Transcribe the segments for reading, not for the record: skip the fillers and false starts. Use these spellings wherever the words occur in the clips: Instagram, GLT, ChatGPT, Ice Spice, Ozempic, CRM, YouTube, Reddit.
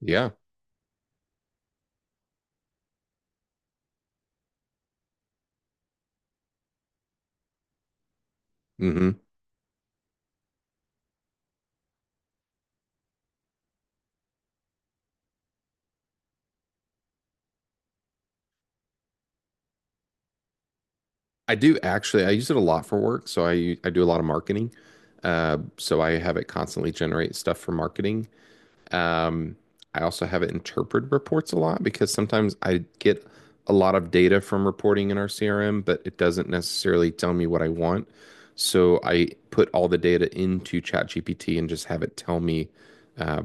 Yeah. hmm I do actually, I use it a lot for work. So I do a lot of marketing. So I have it constantly generate stuff for marketing. Um, I also have it interpret reports a lot because sometimes I get a lot of data from reporting in our CRM, but it doesn't necessarily tell me what I want. So I put all the data into ChatGPT and just have it tell me uh,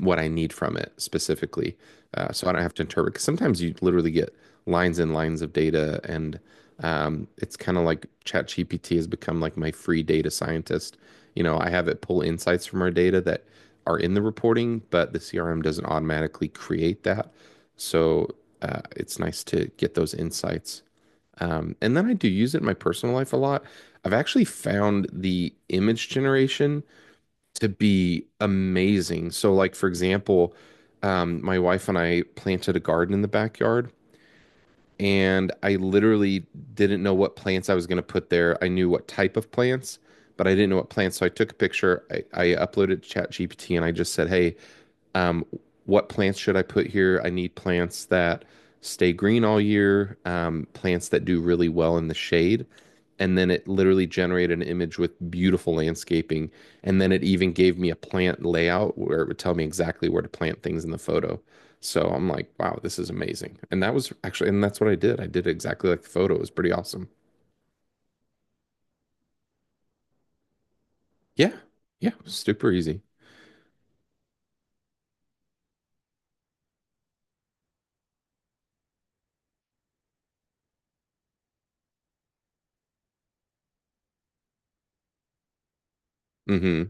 what I need from it specifically. So I don't have to interpret. Because sometimes you literally get lines and lines of data, and it's kind of like ChatGPT has become like my free data scientist. I have it pull insights from our data that are in the reporting, but the CRM doesn't automatically create that. So it's nice to get those insights. And then I do use it in my personal life a lot. I've actually found the image generation to be amazing. So, like for example, my wife and I planted a garden in the backyard, and I literally didn't know what plants I was going to put there. I knew what type of plants, but I didn't know what plants. So I took a picture, I uploaded it to ChatGPT, and I just said, "Hey, um, what plants should I put here? I need plants that stay green all year, plants that do really well in the shade." And then it literally generated an image with beautiful landscaping. And then it even gave me a plant layout where it would tell me exactly where to plant things in the photo. So I'm like, wow, this is amazing. And that was actually, and that's what I did. I did it exactly like the photo. It was pretty awesome. Yeah. Yeah. Super easy. Mm-hmm.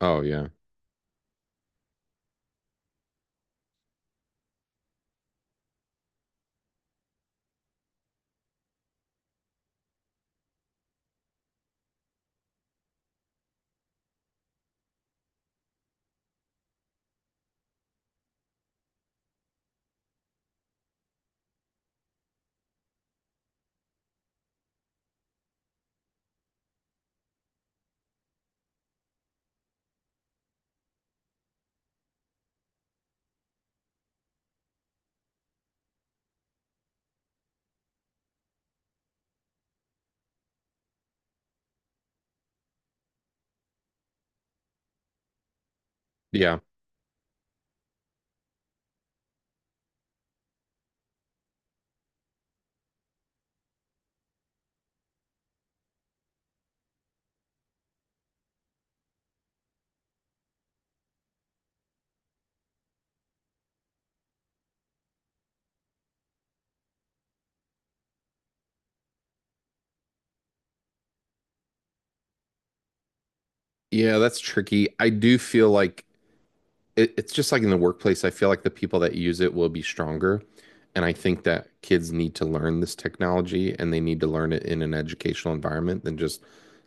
Oh, yeah. Yeah. Yeah. That's tricky. I do feel like it's just like in the workplace, I feel like the people that use it will be stronger. And I think that kids need to learn this technology and they need to learn it in an educational environment than just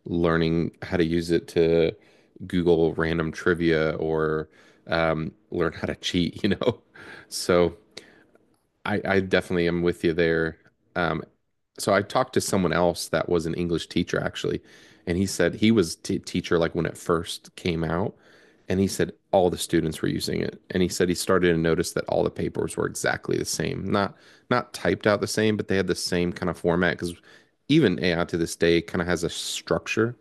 learning how to use it to Google random trivia or learn how to cheat, you know? So I definitely am with you there. Um, so I talked to someone else that was an English teacher actually, and he said he was t teacher like when it first came out, and he said all the students were using it, and he said he started to notice that all the papers were exactly the same, not not typed out the same, but they had the same kind of format because even AI to this day kind of has a structure.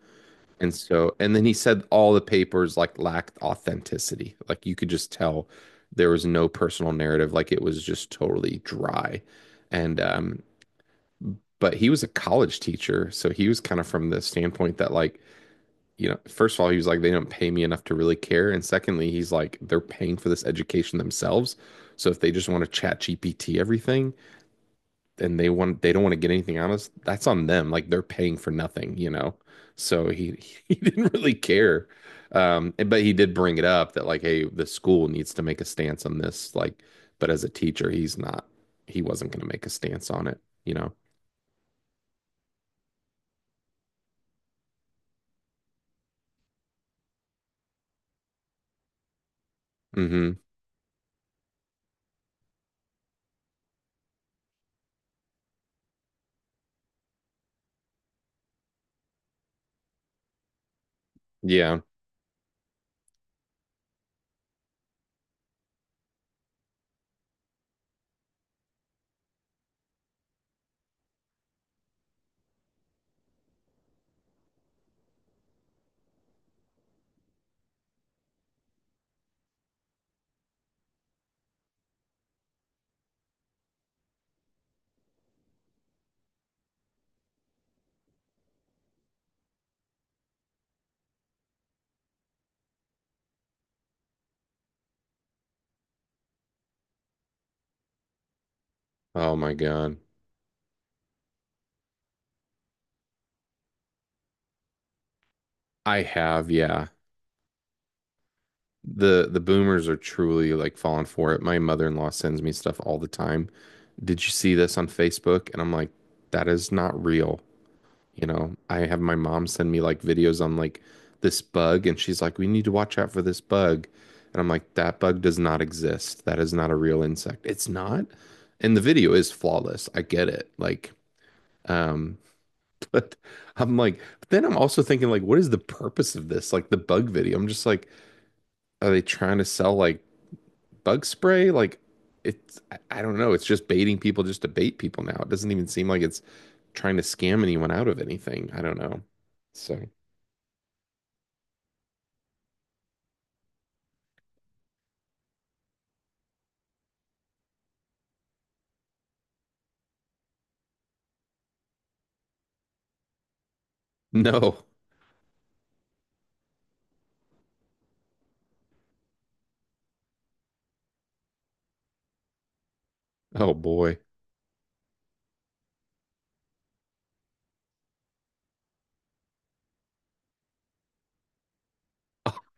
And so, and then he said all the papers like lacked authenticity. Like you could just tell there was no personal narrative. Like it was just totally dry. And, um, but he was a college teacher. So he was kind of from the standpoint that, like, you know, first of all, he was like, they don't pay me enough to really care. And secondly, he's like, they're paying for this education themselves. So if they just want to chat GPT everything, and they want they don't want to get anything out of us, that's on them. Like they're paying for nothing, you know. So he he didn't really care. But he did bring it up that like, hey, the school needs to make a stance on this. Like, but as a teacher, he's not. He wasn't going to make a stance on it, you know. Hmm. Yeah. Oh my God. I have, yeah. The boomers are truly like falling for it. My mother-in-law sends me stuff all the time. Did you see this on Facebook? And I'm like, that is not real. You know, I have my mom send me like videos on like this bug, and she's like, we need to watch out for this bug. And I'm like, that bug does not exist. That is not a real insect. It's not. And the video is flawless. I get it. Like, um, but I'm like, but then I'm also thinking, like, what is the purpose of this? Like the bug video. I'm just like, are they trying to sell like bug spray? Like, it's, I don't know. It's just baiting people just to bait people now. It doesn't even seem like it's trying to scam anyone out of anything. I don't know. So. No. Oh boy.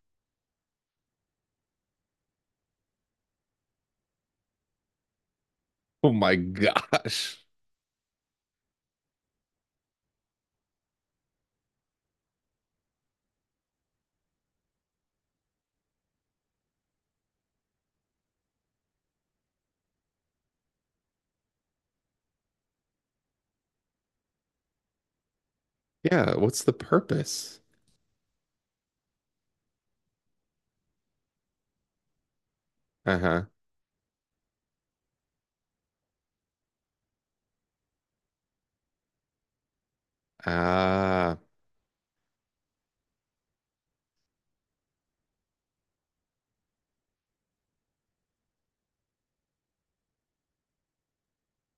Oh my gosh. Yeah, what's the purpose? Uh-huh. Ah,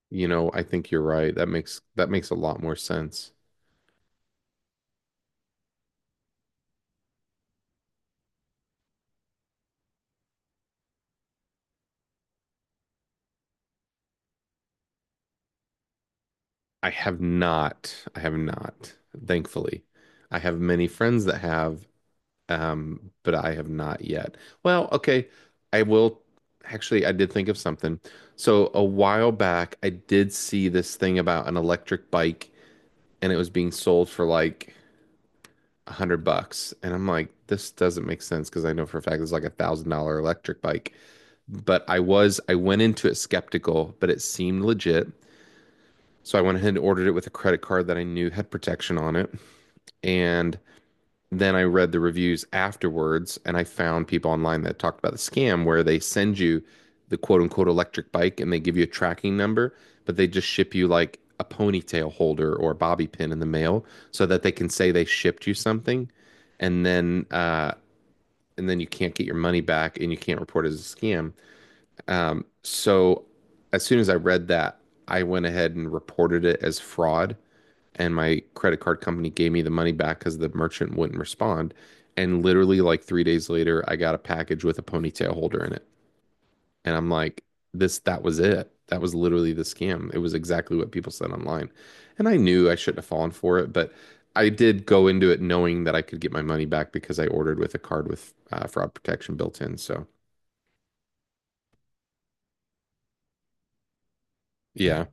you know, I think you're right. That makes a lot more sense. I have not. I have not, thankfully. I have many friends that have, but I have not yet. Well, okay. I will actually I did think of something. So a while back I did see this thing about an electric bike and it was being sold for like $100. And I'm like, this doesn't make sense because I know for a fact it's like $1,000 electric bike. But I was, I went into it skeptical, but it seemed legit. So I went ahead and ordered it with a credit card that I knew had protection on it. And then I read the reviews afterwards and I found people online that talked about the scam where they send you the quote unquote electric bike and they give you a tracking number, but they just ship you like a ponytail holder or a bobby pin in the mail so that they can say they shipped you something and then uh and then you can't get your money back and you can't report it as a scam. So as soon as I read that, I went ahead and reported it as fraud and my credit card company gave me the money back because the merchant wouldn't respond. And literally, like 3 days later, I got a package with a ponytail holder in it. And I'm like, this, that was it. That was literally the scam. It was exactly what people said online. And I knew I shouldn't have fallen for it, but I did go into it knowing that I could get my money back because I ordered with a card with fraud protection built in. So, yeah,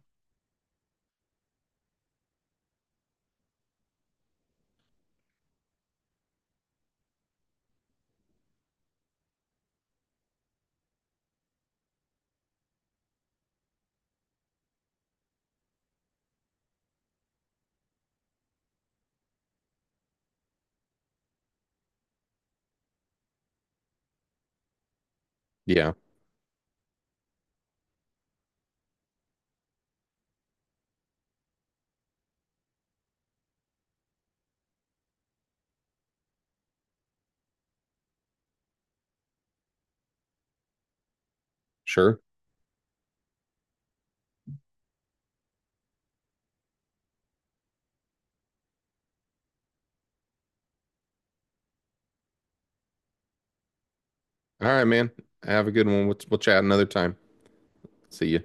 yeah, sure. All right, man. Have a good one. We'll chat another time. See you.